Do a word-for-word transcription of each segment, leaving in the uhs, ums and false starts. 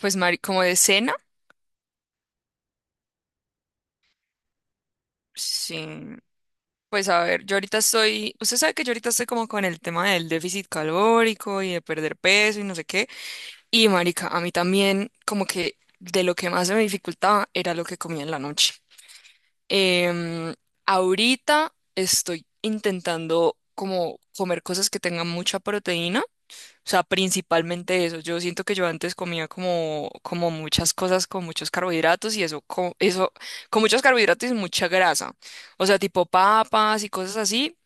Pues, Mari, como de cena, sí. Pues a ver, yo ahorita estoy, usted sabe que yo ahorita estoy como con el tema del déficit calórico y de perder peso y no sé qué. Y marica, a mí también como que de lo que más se me dificultaba era lo que comía en la noche. Em, Ahorita estoy intentando como comer cosas que tengan mucha proteína. O sea, principalmente eso. Yo siento que yo antes comía como, como muchas cosas con muchos carbohidratos y eso, con, eso, con muchos carbohidratos y mucha grasa. O sea, tipo papas y cosas así.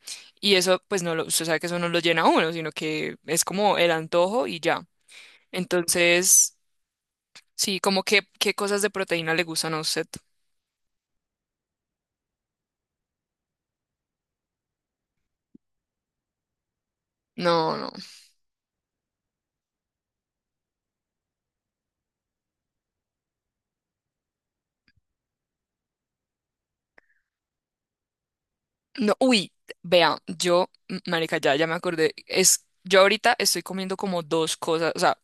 Y eso, pues no lo, usted sabe que eso no lo llena a uno, sino que es como el antojo y ya. Entonces, sí, como que, ¿qué cosas de proteína le gustan a usted? No, no. No, uy, vean, yo, m- marica, ya, ya me acordé. Es, yo ahorita estoy comiendo como dos cosas. O sea,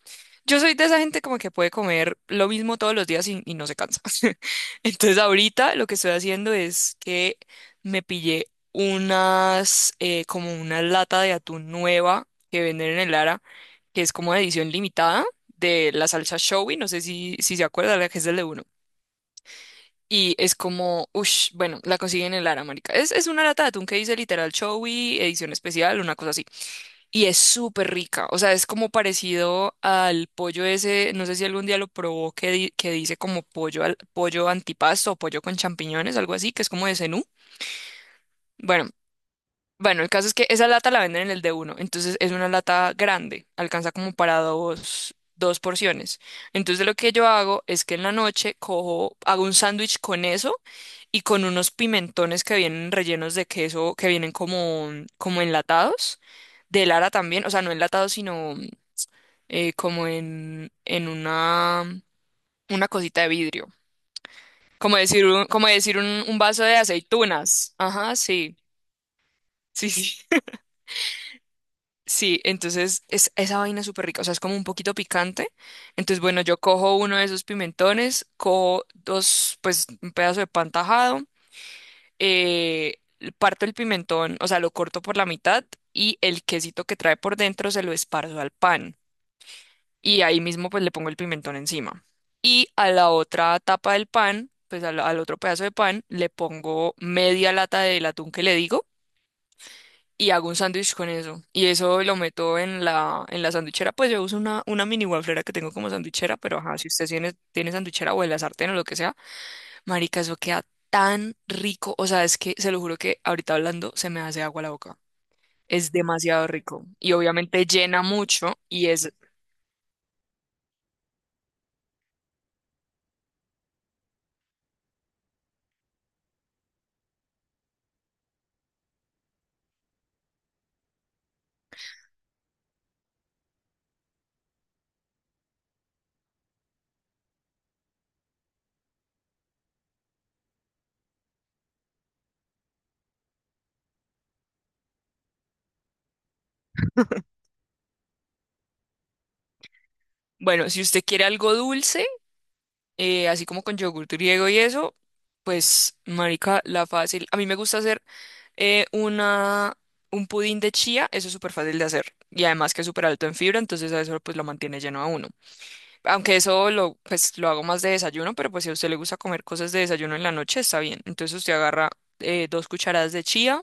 yo soy de esa gente como que puede comer lo mismo todos los días y, y no se cansa. Entonces ahorita lo que estoy haciendo es que me pillé unas, eh, como una lata de atún nueva que venden en el Lara, que es como de edición limitada de la salsa showy. No sé si, si se acuerda, la que es del de y es como, uff, bueno, la consiguen en Lara, marica. Es, es una lata de atún que dice literal Chowi, edición especial, una cosa así. Y es súper rica. O sea, es como parecido al pollo ese, no sé si algún día lo probó, que, di- que dice como pollo, al, pollo antipasto o pollo con champiñones, algo así, que es como de Zenú. Bueno, bueno, el caso es que esa lata la venden en el de uno, entonces es una lata grande, alcanza como para dos, dos porciones. Entonces lo que yo hago es que en la noche cojo, hago un sándwich con eso y con unos pimentones que vienen rellenos de queso, que vienen como, como enlatados, de Lara también, o sea, no enlatados, sino eh, como en, en una, una cosita de vidrio. Como decir un, como decir un, un vaso de aceitunas. Ajá, sí. Sí, sí. Sí, entonces es esa vaina es súper rica, o sea, es como un poquito picante. Entonces, bueno, yo cojo uno de esos pimentones, cojo dos, pues un pedazo de pan tajado, eh, parto el pimentón, o sea, lo corto por la mitad y el quesito que trae por dentro se lo esparzo al pan. Y ahí mismo pues le pongo el pimentón encima. Y a la otra tapa del pan, pues al, al otro pedazo de pan, le pongo media lata del atún que le digo y hago un sándwich con eso. Y eso lo meto en la, en la sandwichera. Pues yo uso una, una mini wafflera que tengo como sandwichera, pero ajá, si usted tiene, tiene sandwichera o en la sartén o lo que sea, marica, eso queda tan rico. O sea, es que se lo juro que ahorita hablando se me hace agua la boca. Es demasiado rico. Y obviamente llena mucho. Y es, bueno, si usted quiere algo dulce, eh, así como con yogur griego y eso, pues, marica, la fácil. A mí me gusta hacer, eh, una, un pudín de chía. Eso es súper fácil de hacer. Y además que es súper alto en fibra, entonces a eso pues lo mantiene lleno a uno. Aunque eso lo, pues, lo hago más de desayuno, pero pues si a usted le gusta comer cosas de desayuno en la noche, está bien. Entonces usted agarra eh, dos cucharadas de chía,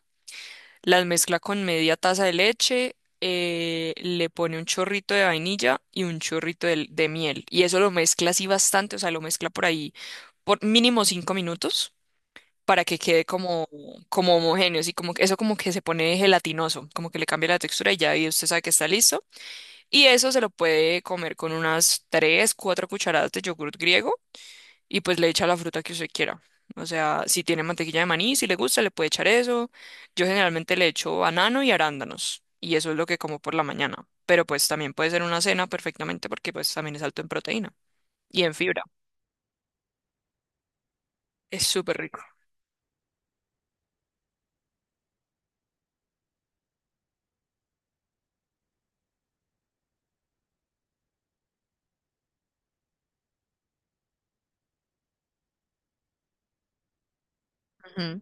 las mezcla con media taza de leche, eh, le pone un chorrito de vainilla y un chorrito de, de miel. Y eso lo mezcla así bastante, o sea, lo mezcla por ahí por mínimo cinco minutos para que quede como, como homogéneo, y como que eso como que se pone gelatinoso, como que le cambia la textura y ya y usted sabe que está listo. Y eso se lo puede comer con unas tres cuatro cucharadas de yogur griego y pues le echa la fruta que usted quiera. O sea, si tiene mantequilla de maní, si le gusta, le puede echar eso. Yo generalmente le echo banano y arándanos y eso es lo que como por la mañana. Pero pues también puede ser una cena perfectamente porque pues también es alto en proteína y en fibra. Es súper rico. Ujú,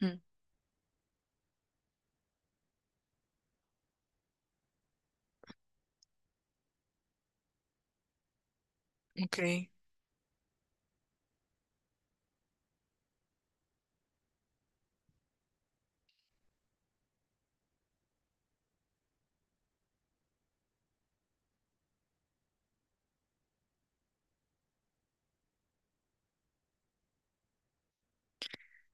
ujú, ok.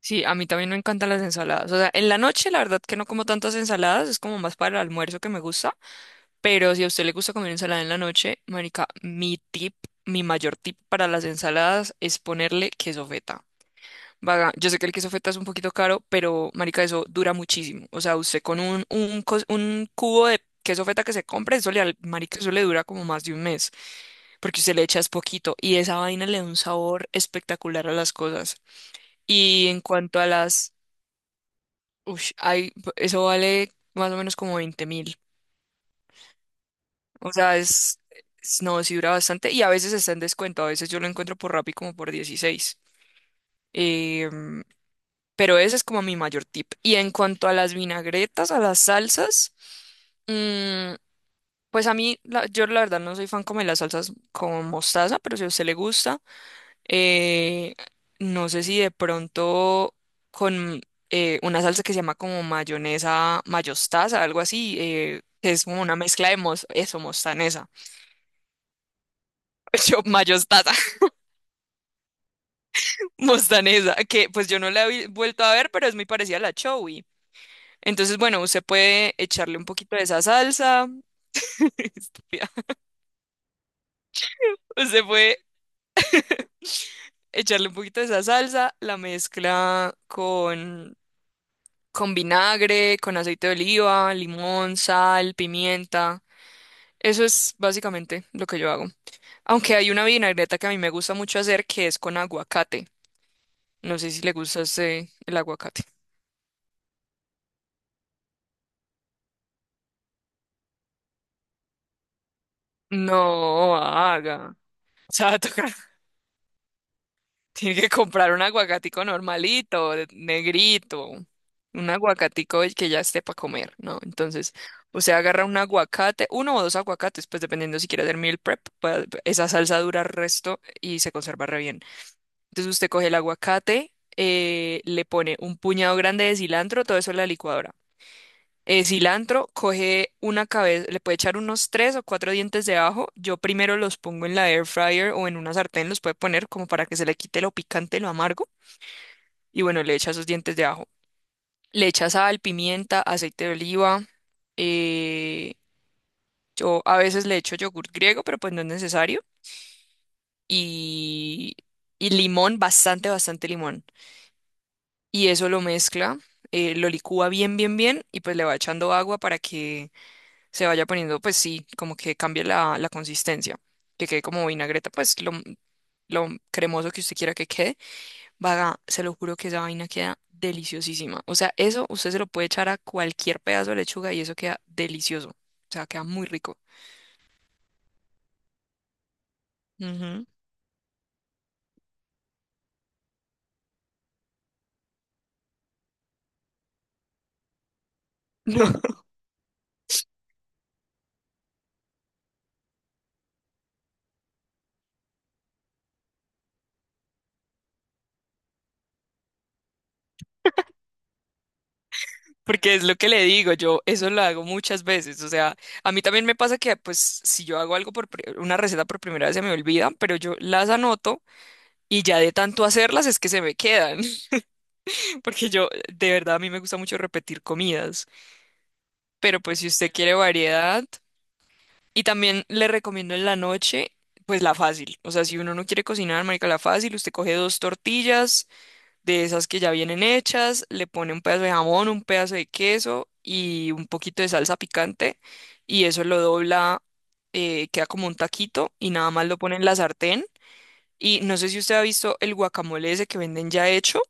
Sí, a mí también me encantan las ensaladas. O sea, en la noche la verdad que no como tantas ensaladas, es como más para el almuerzo que me gusta, pero si a usted le gusta comer ensalada en la noche, marica, mi tip, mi mayor tip para las ensaladas es ponerle queso feta. Vaga, yo sé que el queso feta es un poquito caro, pero marica, eso dura muchísimo. O sea, usted con un, un, cos- un cubo de queso feta que se compre, eso le, al- marica, eso le dura como más de un mes, porque usted le echa es poquito y esa vaina le da un sabor espectacular a las cosas. Y en cuanto a las Ush, hay, eso vale más o menos como veinte mil. O sea, es, es- no, sí dura bastante y a veces está en descuento. A veces yo lo encuentro por Rappi como por dieciséis. Em, pero ese es como mi mayor tip. Y en cuanto a las vinagretas, a las salsas, mm, pues a mí, la- yo la verdad no soy fan como de las salsas con mostaza, pero si a usted le gusta. Eh, no sé si de pronto con eh, una salsa que se llama como mayonesa mayostaza, algo así, eh, que es como una mezcla de mos eso, mostanesa. Yo, mayostaza, mostanesa, que pues yo no la he vi- vuelto a ver, pero es muy parecida a la chowi. Entonces, bueno, usted puede echarle un poquito de esa salsa. Estúpida. Usted puede echarle un poquito de esa salsa, la mezcla con, con vinagre, con aceite de oliva, limón, sal, pimienta. Eso es básicamente lo que yo hago. Aunque hay una vinagreta que a mí me gusta mucho hacer que es con aguacate. No sé si le gusta ese el aguacate. No haga. O sea, va a tocar- Tiene que comprar un aguacatico normalito, de- negrito. Un aguacatico el que ya esté para comer, ¿no? Entonces, usted agarra un aguacate, uno o dos aguacates, pues dependiendo si quiere hacer meal prep, pues, esa salsa dura el resto y se conserva re bien. Entonces usted coge el aguacate, eh, le pone un puñado grande de cilantro, todo eso en la licuadora. Eh, cilantro, coge una cabeza, le puede echar unos tres o cuatro dientes de ajo. Yo primero los pongo en la air fryer o en una sartén, los puede poner como para que se le quite lo picante, lo amargo. Y bueno, le echa esos dientes de ajo. Le echa sal, pimienta, aceite de oliva. eh, yo a veces le echo yogur griego, pero pues no es necesario. Y, y limón, bastante, bastante limón. Y eso lo mezcla, eh, lo licúa bien, bien, bien y pues le va echando agua para que se vaya poniendo, pues sí, como que cambie la, la consistencia, que quede como vinagreta, pues lo, lo cremoso que usted quiera que quede, vaga, se lo juro que esa vaina queda deliciosísima. O sea, eso usted se lo puede echar a cualquier pedazo de lechuga y eso queda delicioso, o sea, queda muy rico. Ujú. Porque es lo que le digo, yo eso lo hago muchas veces, o sea, a mí también me pasa que pues si yo hago algo por pri- una receta por primera vez se me olvidan, pero yo las anoto y ya de tanto hacerlas es que se me quedan. Porque yo de verdad a mí me gusta mucho repetir comidas, pero pues si usted quiere variedad y también le recomiendo en la noche pues la fácil, o sea, si uno no quiere cocinar, marica, la fácil, usted coge dos tortillas de esas que ya vienen hechas, le pone un pedazo de jamón, un pedazo de queso y un poquito de salsa picante y eso lo dobla, eh, queda como un taquito y nada más lo pone en la sartén. Y no sé si usted ha visto el guacamole ese que venden ya hecho,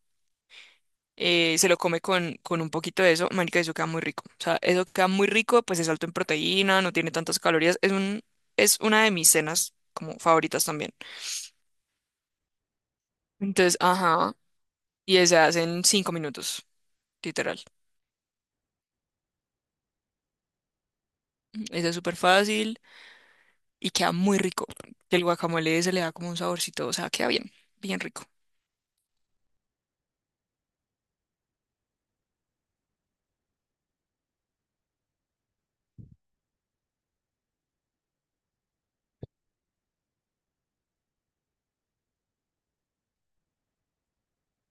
eh, se lo come con, con un poquito de eso, marica, eso queda muy rico. O sea, eso queda muy rico, pues es alto en proteína, no tiene tantas calorías, es un, es una de mis cenas como favoritas también. Entonces, ajá, y se hace en cinco minutos, literal. Ujú, ese es súper fácil. Y queda muy rico. El guacamole se le da como un saborcito, o sea, queda bien, bien rico.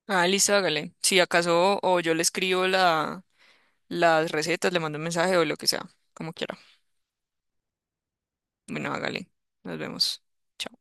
Ah, listo, hágale. Si acaso o yo le escribo la, las recetas, le mando un mensaje o lo que sea, como quiera. Bueno, hágale. Nos vemos. Chao.